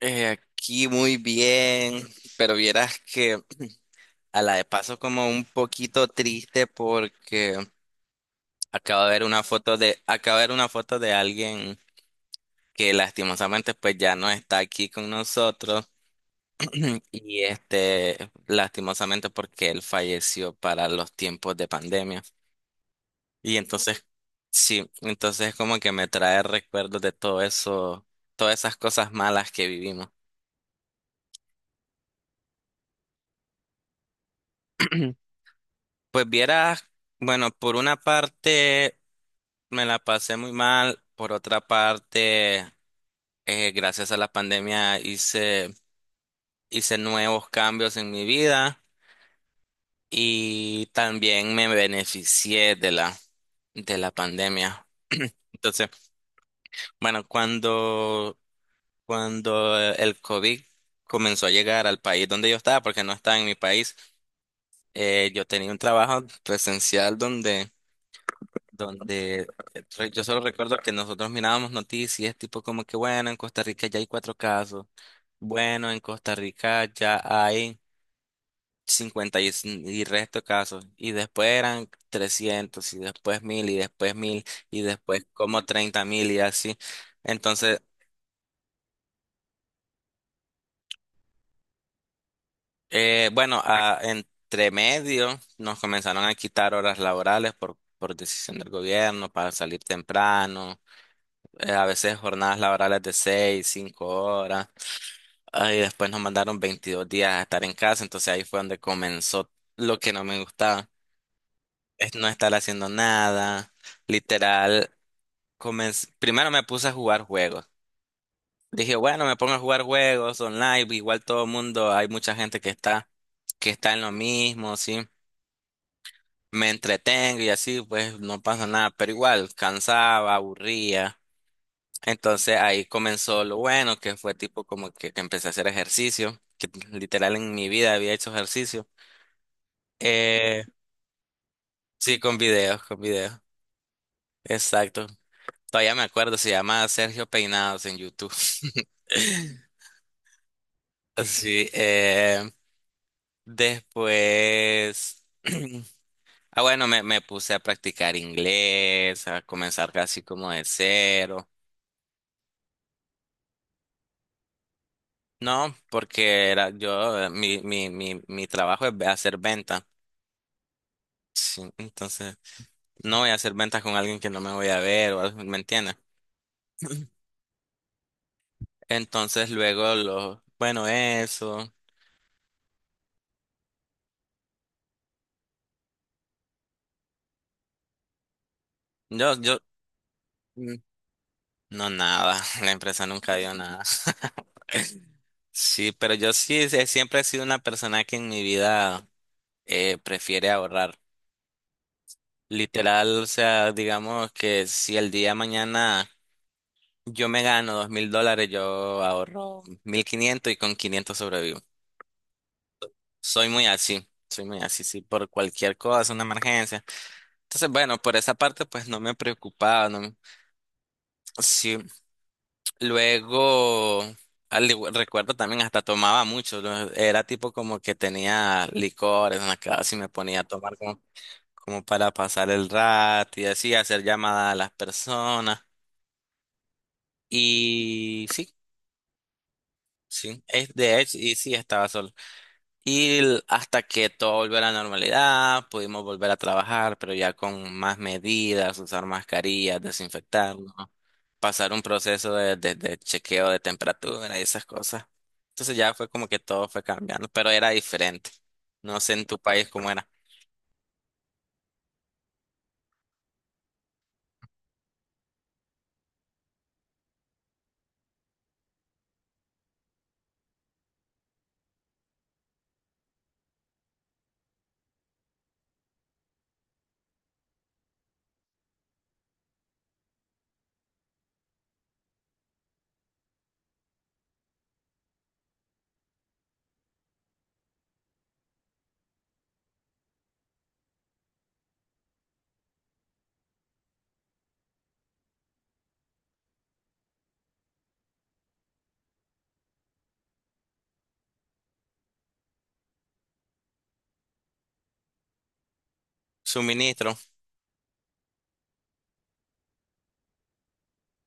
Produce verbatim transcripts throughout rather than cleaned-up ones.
Eh, aquí muy bien, pero vieras que a la de paso como un poquito triste porque acabo de ver una foto de, acabo de ver una foto de alguien que lastimosamente pues ya no está aquí con nosotros y este lastimosamente porque él falleció para los tiempos de pandemia. Y entonces, sí, entonces como que me trae recuerdos de todo eso, todas esas cosas malas que vivimos. Pues vieras, bueno, por una parte me la pasé muy mal, por otra parte, eh, gracias a la pandemia hice, hice nuevos cambios en mi vida y también me beneficié de la, de la pandemia. Entonces, bueno, cuando, cuando el COVID comenzó a llegar al país donde yo estaba, porque no estaba en mi país, eh, yo tenía un trabajo presencial donde donde eh, re- yo solo recuerdo que nosotros mirábamos noticias, tipo como que, bueno, en Costa Rica ya hay cuatro casos, bueno, en Costa Rica ya hay cincuenta y, s- y resto casos, y después eran trescientos y después mil y después mil y después como treinta mil y así. Entonces, eh, bueno, a- entre medio nos comenzaron a quitar horas laborales por, por decisión del gobierno para salir temprano, eh, a veces jornadas laborales de seis, cinco horas. Ah, Y después nos mandaron veintidós días a estar en casa, entonces ahí fue donde comenzó lo que no me gustaba, es no estar haciendo nada, literal. Comencé, primero me puse a jugar juegos, dije, bueno, me pongo a jugar juegos online, igual todo el mundo, hay mucha gente que está, que está en lo mismo, sí, me entretengo y así, pues no pasa nada, pero igual, cansaba, aburría, entonces ahí comenzó lo bueno, que fue tipo como que, que empecé a hacer ejercicio, que literal en mi vida había hecho ejercicio. Eh, sí, con videos, con videos. Exacto. Todavía me acuerdo, se llama Sergio Peinados en YouTube. Sí, eh, después. Ah, bueno, me, me puse a practicar inglés, a comenzar casi como de cero. No, porque era yo, eh, mi, mi, mi, mi trabajo es hacer venta. Sí, entonces no voy a hacer ventas con alguien que no me voy a ver o algo, ¿me entiendes? Entonces luego lo, bueno, eso. Yo, yo, mm, no nada, la empresa nunca dio nada. Sí, pero yo sí, eh, siempre he sido una persona que en mi vida, eh, prefiere ahorrar. Literal, o sea, digamos que si el día de mañana yo me gano dos mil dólares, yo ahorro mil quinientos y con quinientos sobrevivo. Soy muy así, soy muy así, sí, por cualquier cosa, una emergencia. Entonces, bueno, por esa parte, pues no me preocupaba, no, me- sí. Luego, al igu- recuerdo también hasta tomaba mucho, ¿no? Era tipo como que tenía licores en la casa y me ponía a tomar como, como para pasar el rato y así hacer llamadas a las personas. Y sí, sí, es de hecho, y sí, estaba solo. Y l- hasta que todo volvió a la normalidad, pudimos volver a trabajar, pero ya con más medidas, usar mascarillas, desinfectarnos, pasar un proceso de, de- de chequeo de temperatura y esas cosas. Entonces ya fue como que todo fue cambiando, pero era diferente. No sé en tu país cómo era. Suministro.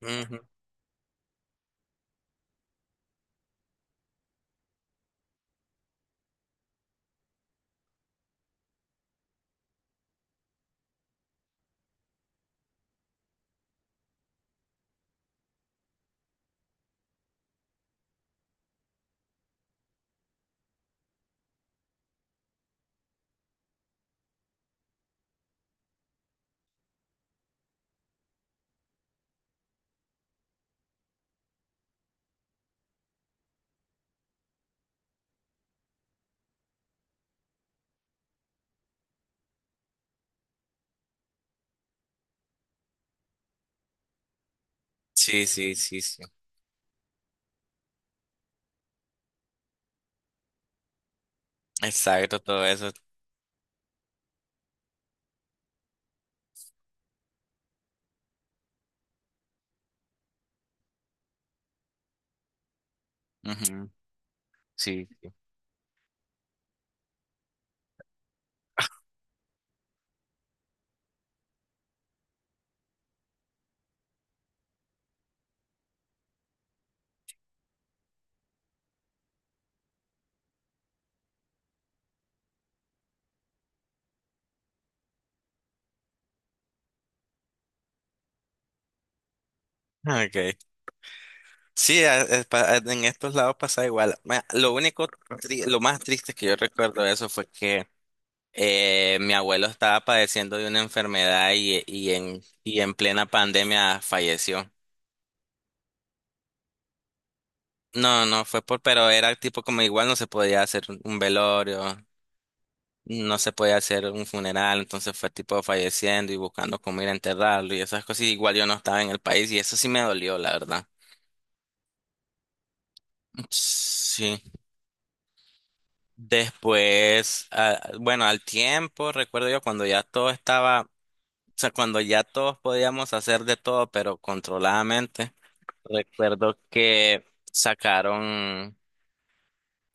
Ujú. Sí, sí, sí, sí. Exacto, todo eso. Ujú. Sí, sí. Okay. Sí, a- es pa- en estos lados pasa igual. Ma- Lo único, tri- lo más triste que yo recuerdo de eso fue que, eh, mi abuelo estaba padeciendo de una enfermedad y, y en, y en plena pandemia falleció. No, no fue por, pero era tipo como igual no se podía hacer un un velorio, no se podía hacer un funeral, entonces fue tipo falleciendo y buscando cómo ir a enterrarlo y esas cosas. y Igual yo no estaba en el país y eso sí me dolió, la verdad. Sí. Después, ah, bueno, al tiempo, recuerdo yo cuando ya todo estaba, o sea, cuando ya todos podíamos hacer de todo, pero controladamente. Recuerdo que sacaron.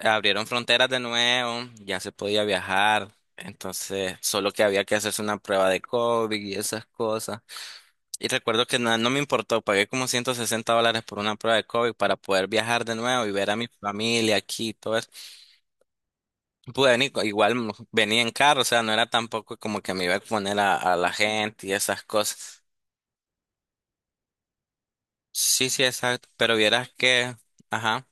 Abrieron fronteras de nuevo, ya se podía viajar, entonces solo que había que hacerse una prueba de COVID y esas cosas. Y recuerdo que no, no me importó, pagué como ciento sesenta dólares por una prueba de COVID para poder viajar de nuevo y ver a mi familia aquí y todo eso. Pude venir, co- igual m- venía en carro, o sea, no era tampoco como que me iba a exponer a, a la gente y esas cosas. Sí, sí, exacto, pero vieras que, ajá,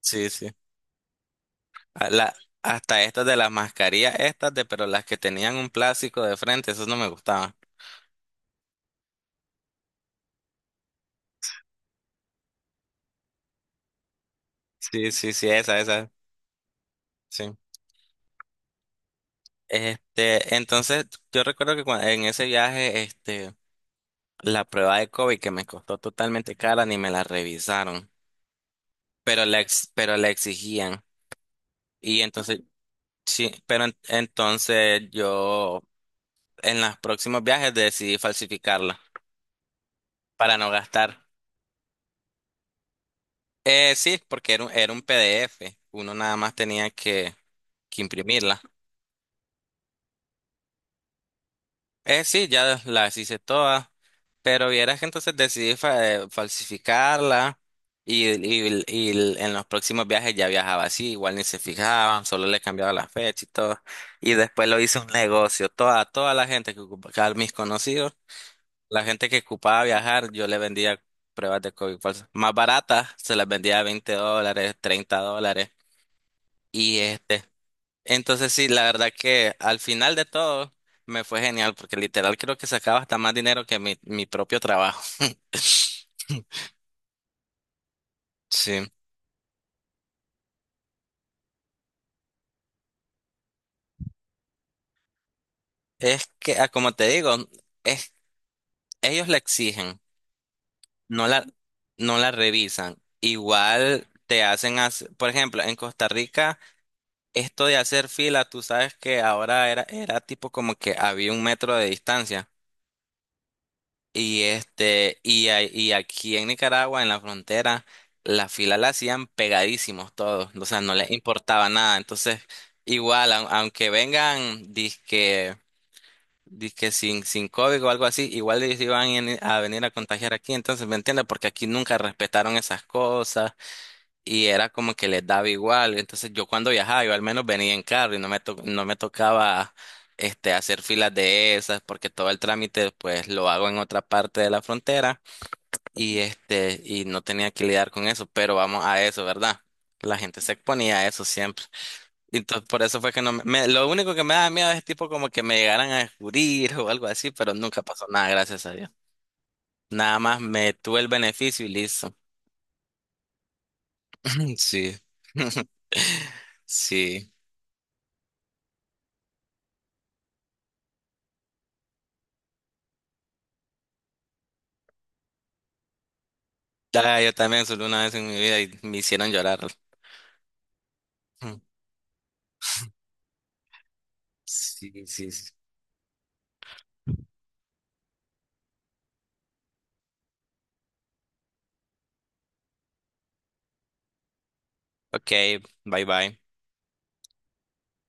sí, sí. A la- Hasta estas de las mascarillas, estas de, pero las que tenían un plástico de frente, esas no me gustaban. Sí, sí, sí, esa, esa, sí. Este, entonces, yo recuerdo que cua- en ese viaje, este, la prueba de COVID que me costó totalmente cara, ni me la revisaron, pero la, ex- pero la exigían. Y entonces, sí, pero en- entonces yo en los próximos viajes decidí falsificarla para no gastar. Eh, sí, porque era un, era un, P D F. Uno nada más tenía que que imprimirla. Eh, sí, ya las hice todas, pero vieras que entonces decidí fa- eh, falsificarla y, y- y l- en los próximos viajes ya viajaba así, igual ni se fijaban, solo le cambiaba la fecha y todo. Y después lo hice un negocio, toda, toda la gente que ocupaba, mis conocidos, la gente que ocupaba viajar, yo le vendía pruebas de COVID falsas. Más baratas, se las vendía a veinte dólares, treinta dólares. Y este, entonces sí, la verdad que al final de todo me fue genial porque literal creo que sacaba hasta más dinero que mi, mi propio trabajo. Sí. Es que, ah, como te digo, es, ellos la exigen, no la, no la revisan. Igual te hacen, hace- por ejemplo, en Costa Rica, esto de hacer fila, tú sabes que ahora era, era tipo como que había un metro de distancia. Y este, y, a- y aquí en Nicaragua, en la frontera, la fila la hacían pegadísimos todos, o sea, no les importaba nada. Entonces, igual, au- aunque vengan, disque, disque sin, sin COVID o algo así, igual ellos iban en- a venir a contagiar aquí. Entonces, ¿me entiendes? Porque aquí nunca respetaron esas cosas y era como que les daba igual. Entonces yo cuando viajaba, yo al menos venía en carro y no me, to- no me tocaba, este, hacer filas de esas porque todo el trámite pues lo hago en otra parte de la frontera y, este, y no tenía que lidiar con eso, pero vamos a eso, ¿verdad? La gente se exponía a eso siempre. Entonces por eso fue que no me, me- lo único que me daba miedo es tipo como que me llegaran a descubrir o algo así, pero nunca pasó nada, gracias a Dios. Nada más me tuve el beneficio y listo. Sí. Sí. Ah, yo también solo una vez en mi vida y me hicieron llorar. Sí, sí, sí. Ok, bye bye.